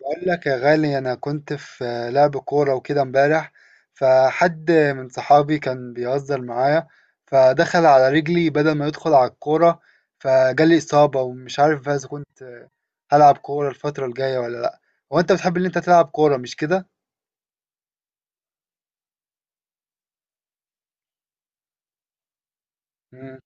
بقول لك يا غالي، انا كنت في لعب كوره وكده امبارح. فحد من صحابي كان بيهزر معايا، فدخل على رجلي بدل ما يدخل على الكوره، فجالي اصابه، ومش عارف بقى اذا كنت هلعب كوره الفتره الجايه ولا لا. هو انت بتحب ان انت تلعب كوره، مش كده؟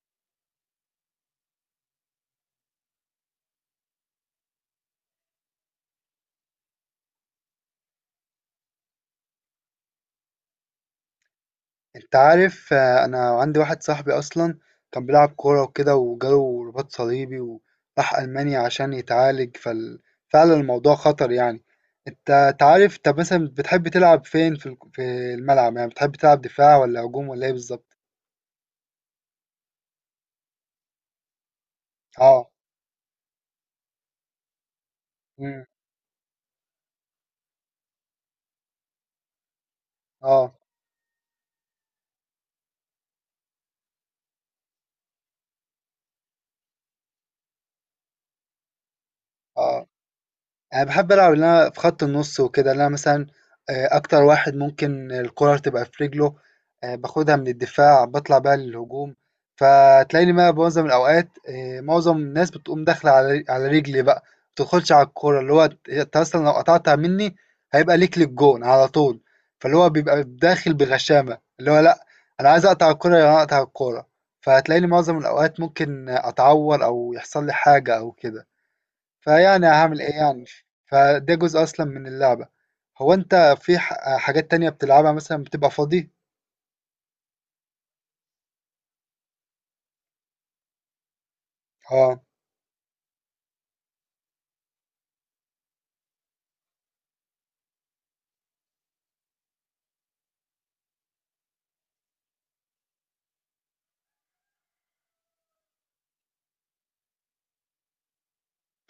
انت عارف، انا عندي واحد صاحبي اصلا كان بيلعب كورة وكده، وجاله رباط صليبي، وراح المانيا عشان يتعالج فعلا الموضوع خطر يعني. انت تعرف طب، مثلا بتحب تلعب فين، في في الملعب؟ يعني بتحب تلعب دفاع ولا هجوم ولا ايه بالظبط؟ اه. مم. اه. اه. أنا باحب ألعب اللي أنا في خط النُص وكده، اللي أنا مثلًا أكتر واحد ممكن الكورة تبقى في رجله، باخدها من الدفاع، باطلع بيها للهجوم. فتلاقيني بقى معظم الأوقات، معظم الناس بتقوم داخلة على رجلي بقى، ما بتدخلش على الكورة، اللي هو أنت أصلًا لو قطعتها مني هيبقى ليك للجون على طول. فاللي هو بيبقى داخل بغشامة، اللي هو لأ، أنا عايز أقطع الكورة، يعني أقطع الكورة. فتلاقيني معظم الأوقات ممكن أتعور أو يحصل لي حاجة أو كده. فيعني هعمل ايه يعني. فده جزء اصلا من اللعبة. هو انت في حاجات تانية بتلعبها، مثلا بتبقى فاضي؟ اه.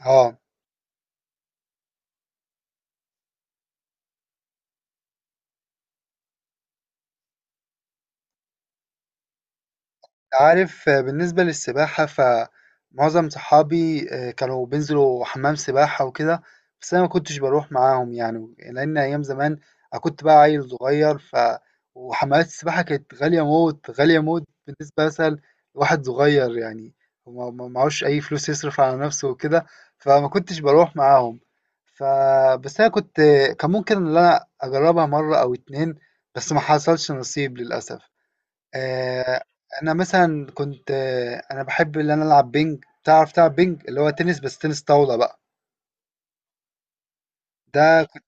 اه. أنت عارف، بالنسبة للسباحة، فمعظم صحابي كانوا بينزلوا حمام سباحة وكده. بس أنا ما كنتش بروح معاهم يعني، لأن أيام زمان أنا كنت بقى عيل صغير، وحمامات السباحة كانت غالية موت غالية موت، بالنسبة مثلا لواحد صغير يعني. وما- ما معهوش أي فلوس يصرف على نفسه وكده، فما كنتش بروح معاهم. ف بس أنا كنت كان ممكن إن أنا أجربها مرة أو اتنين، بس ما حصلش نصيب للأسف. آه، انا مثلا كنت، انا بحب ان انا العب بينج. تعرف تلعب بينج؟ اللي هو تنس، بس تنس طاولة بقى. ده كنت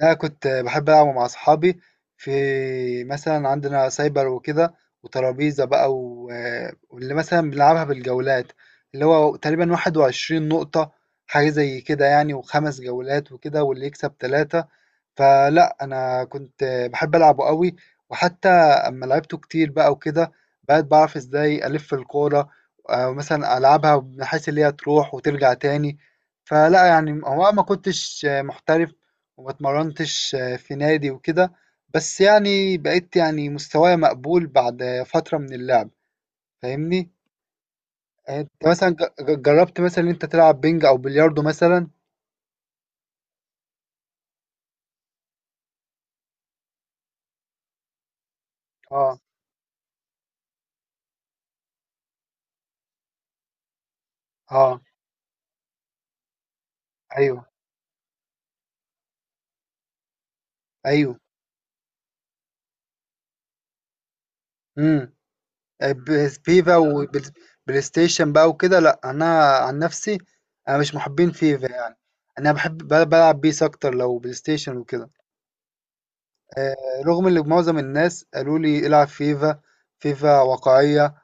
ده كنت بحب العبه مع اصحابي، في مثلا عندنا سايبر وكده، وترابيزة بقى، و واللي مثلا بنلعبها بالجولات، اللي هو تقريبا 21 نقطة، حاجة زي كده يعني، وخمس جولات وكده، واللي يكسب ثلاثة. فلأ، أنا كنت باحب ألعبه أوي، وحتى أمّا لعبته كتير بقى وكده، بقيت باعرف إزاي ألِف الكورة، أو مثلًا ألعبها بحيث اللي هي تروح وترجع تاني. فلأ يعني، هو أنا ما كنتش محترف، وما اتمرنتش في نادي وكده. بس يعني بقيت يعني مستوايا مقبول بعد فترة من اللعب. فاهمني؟ أنت مثلًا ج ج جرّبت مثلًا إن أنت تلعب بينج أو بلياردو مثلًا؟ آه. آه. أيوه. أيوه. إمم. فيفا وبلاي ستيشن بقى وكده، لا انا عن نفسي انا مش محبين فيفا يعني. انا بحب بلعب بيس اكتر لو بلاي ستيشن وكده. رغم ان معظم الناس قالوا لي العب فيفا، فيفا واقعية،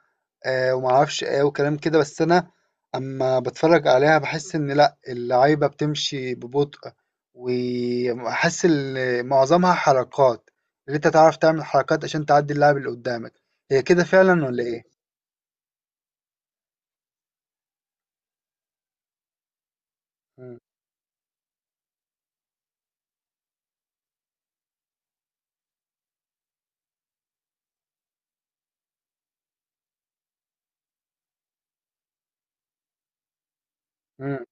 ومعرفش ايه وكلام كده. بس انا اما بتفرج عليها بحس ان لا، اللعيبة بتمشي ببطء، وحاسس ان معظمها حركات، اللي انت تعرف تعمل حركات عشان تعدي اللاعب اللي قدامك. هي كده فعلا ولا ايه؟ مم.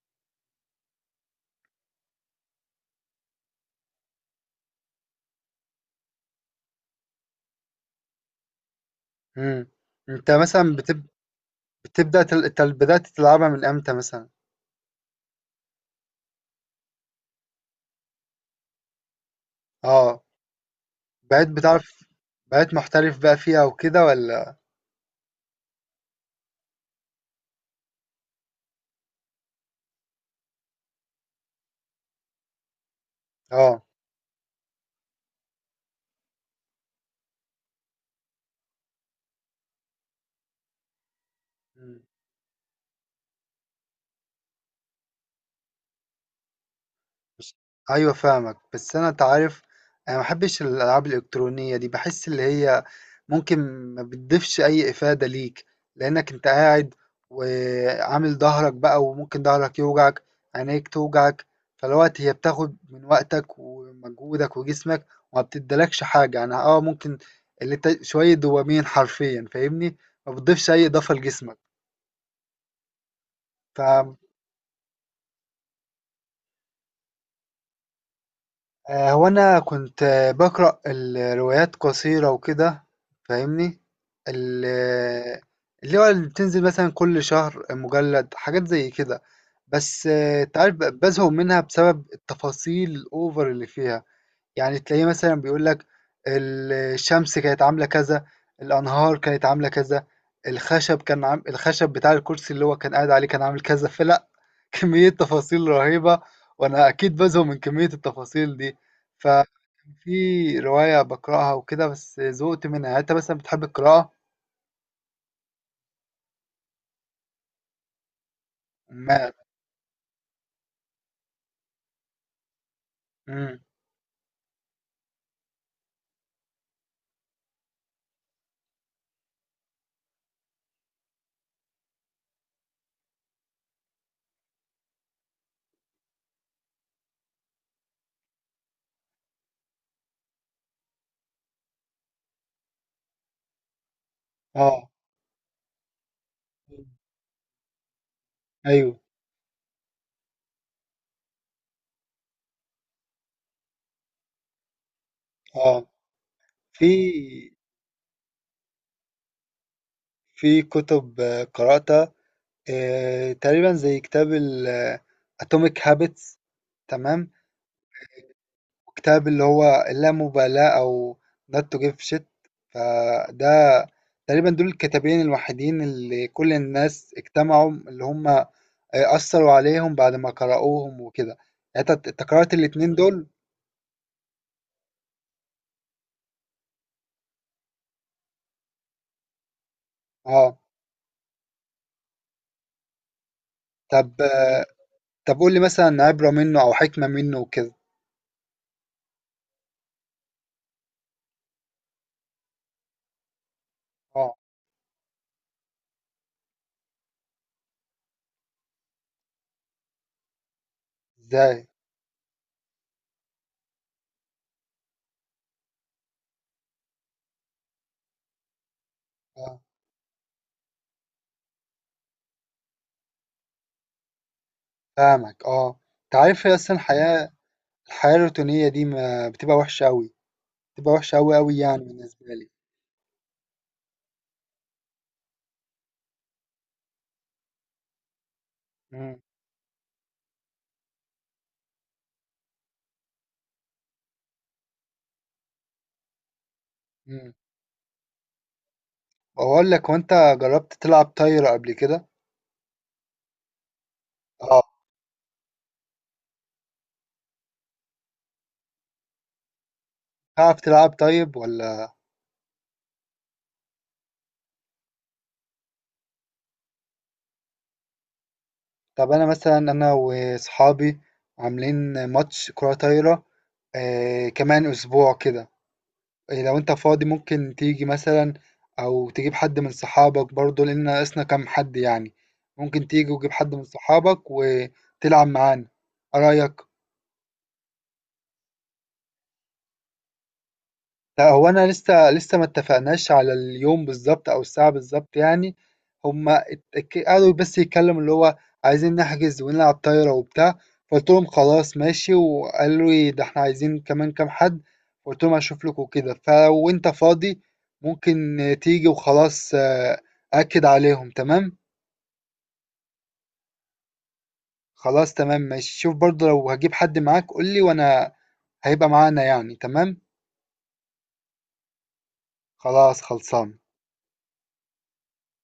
إمم. أنت مثلًا بتب بتبدأ تل أنت بدأت تلعبها من إمتى مثلًا؟ آه. بقيت بتعرف بقيت محترف بقى فيها وكده والّا؟ آه. إمم. ايوه فاهمك، بس انا تعرف انا ما بحبش الالعاب الالكترونيه دي. بحس اللي هي ممكن ما بتضيفش اي افاده ليك، لانك انت قاعد وعامل ظهرك بقى، وممكن ظهرك يوجعك، عينيك توجعك. فالوقت هي بتاخد من وقتك ومجهودك وجسمك، وما بتدلكش حاجه، يعني اه ممكن اللي انت شويه دوبامين حرفيا. فاهمني؟ ما بتضيفش اي اضافه لجسمك. هو أنا كنت بقرأ الروايات قصيرة وكده. فاهمني؟ ال- آه، اللي هو اللي بتنزل مثلا كل شهر مجلد، حاجات زي كده. بس تعرف بزهق منها بسبب التفاصيل الأوفر اللي فيها. يعني تلاقيه مثلا بيقول لك، الشمس كانت عاملة كذا، الأنهار كانت عاملة كذا، الخشب كان عام الخشب بتاع الكرسي اللي هو كان قاعد عليه كان عامل كذا. فلا كمية تفاصيل رهيبة، وأنا أكيد بزهق من كمية التفاصيل دي. ففي رواية بقرأها وكده، بس زهقت منها. يعني أنت مثلا بتحب القراءة؟ ما مم. اه. ايوه. اه. في في كتب قرأتها تقريبًا، زي كتاب ال Atomic Habits، تمام، وكتاب اللي هو اللامبالاة أو Not to Give a Shit. فده تقريبًا دول الكتابين الوحيدين، اللي كل الناس اجتمعوا، اللي هم أثّروا عليهم بعد ما قرأوهم وكده. يعني أنت قرأت الاتنين دول؟ آه. طب، طب قُل لي مثلًا عبرة منه أو حكمة منه وكده. آه. إزاي؟ آه. فاهمك. أنت عارف، هي أصلًا الحياة الحياة الروتينية دي ما بتبقى وحشة أوي. بتبقى وحشة أوي أوي، يعني بالنسبة لي. مم. مم. وأقول لك، وأنت جربت تلعب طايرة قبل كده؟ أه. تعرف تلعب طيب ولا؟ طب أنا مثلا، أنا وأصحابي عاملين ماتش كرة طايرة آه كمان أسبوع كده. إيه لو أنت فاضي ممكن تيجي مثلا، أو تجيب حد من صحابك برضو، لأن ناقصنا كام حد يعني. ممكن تيجي وتجيب حد من صحابك وتلعب معانا. إيه رأيك؟ لأ، هو أنا لسه ما اتفقناش على اليوم بالضبط أو الساعة بالضبط يعني. هم اتك قعدوا بس يتكلموا، اللي هو عايزين نحجز ونلعب طايرة وبتاع. فقُلت لهم خلاص ماشي، وقالوا لي، ده إحنا عايزين كمان كام حد. فقُلت لهم هاشوف لكم وكده. فلو أنت فاضي ممكن تيجي وخلاص. أأكد عليهم، تمام؟ خلاص تمام ماشي. شوف برضه لو هتجيب حد معاك قُل لي، وأنا هيبقى معانا يعني. تمام؟ خلاص خلصانة.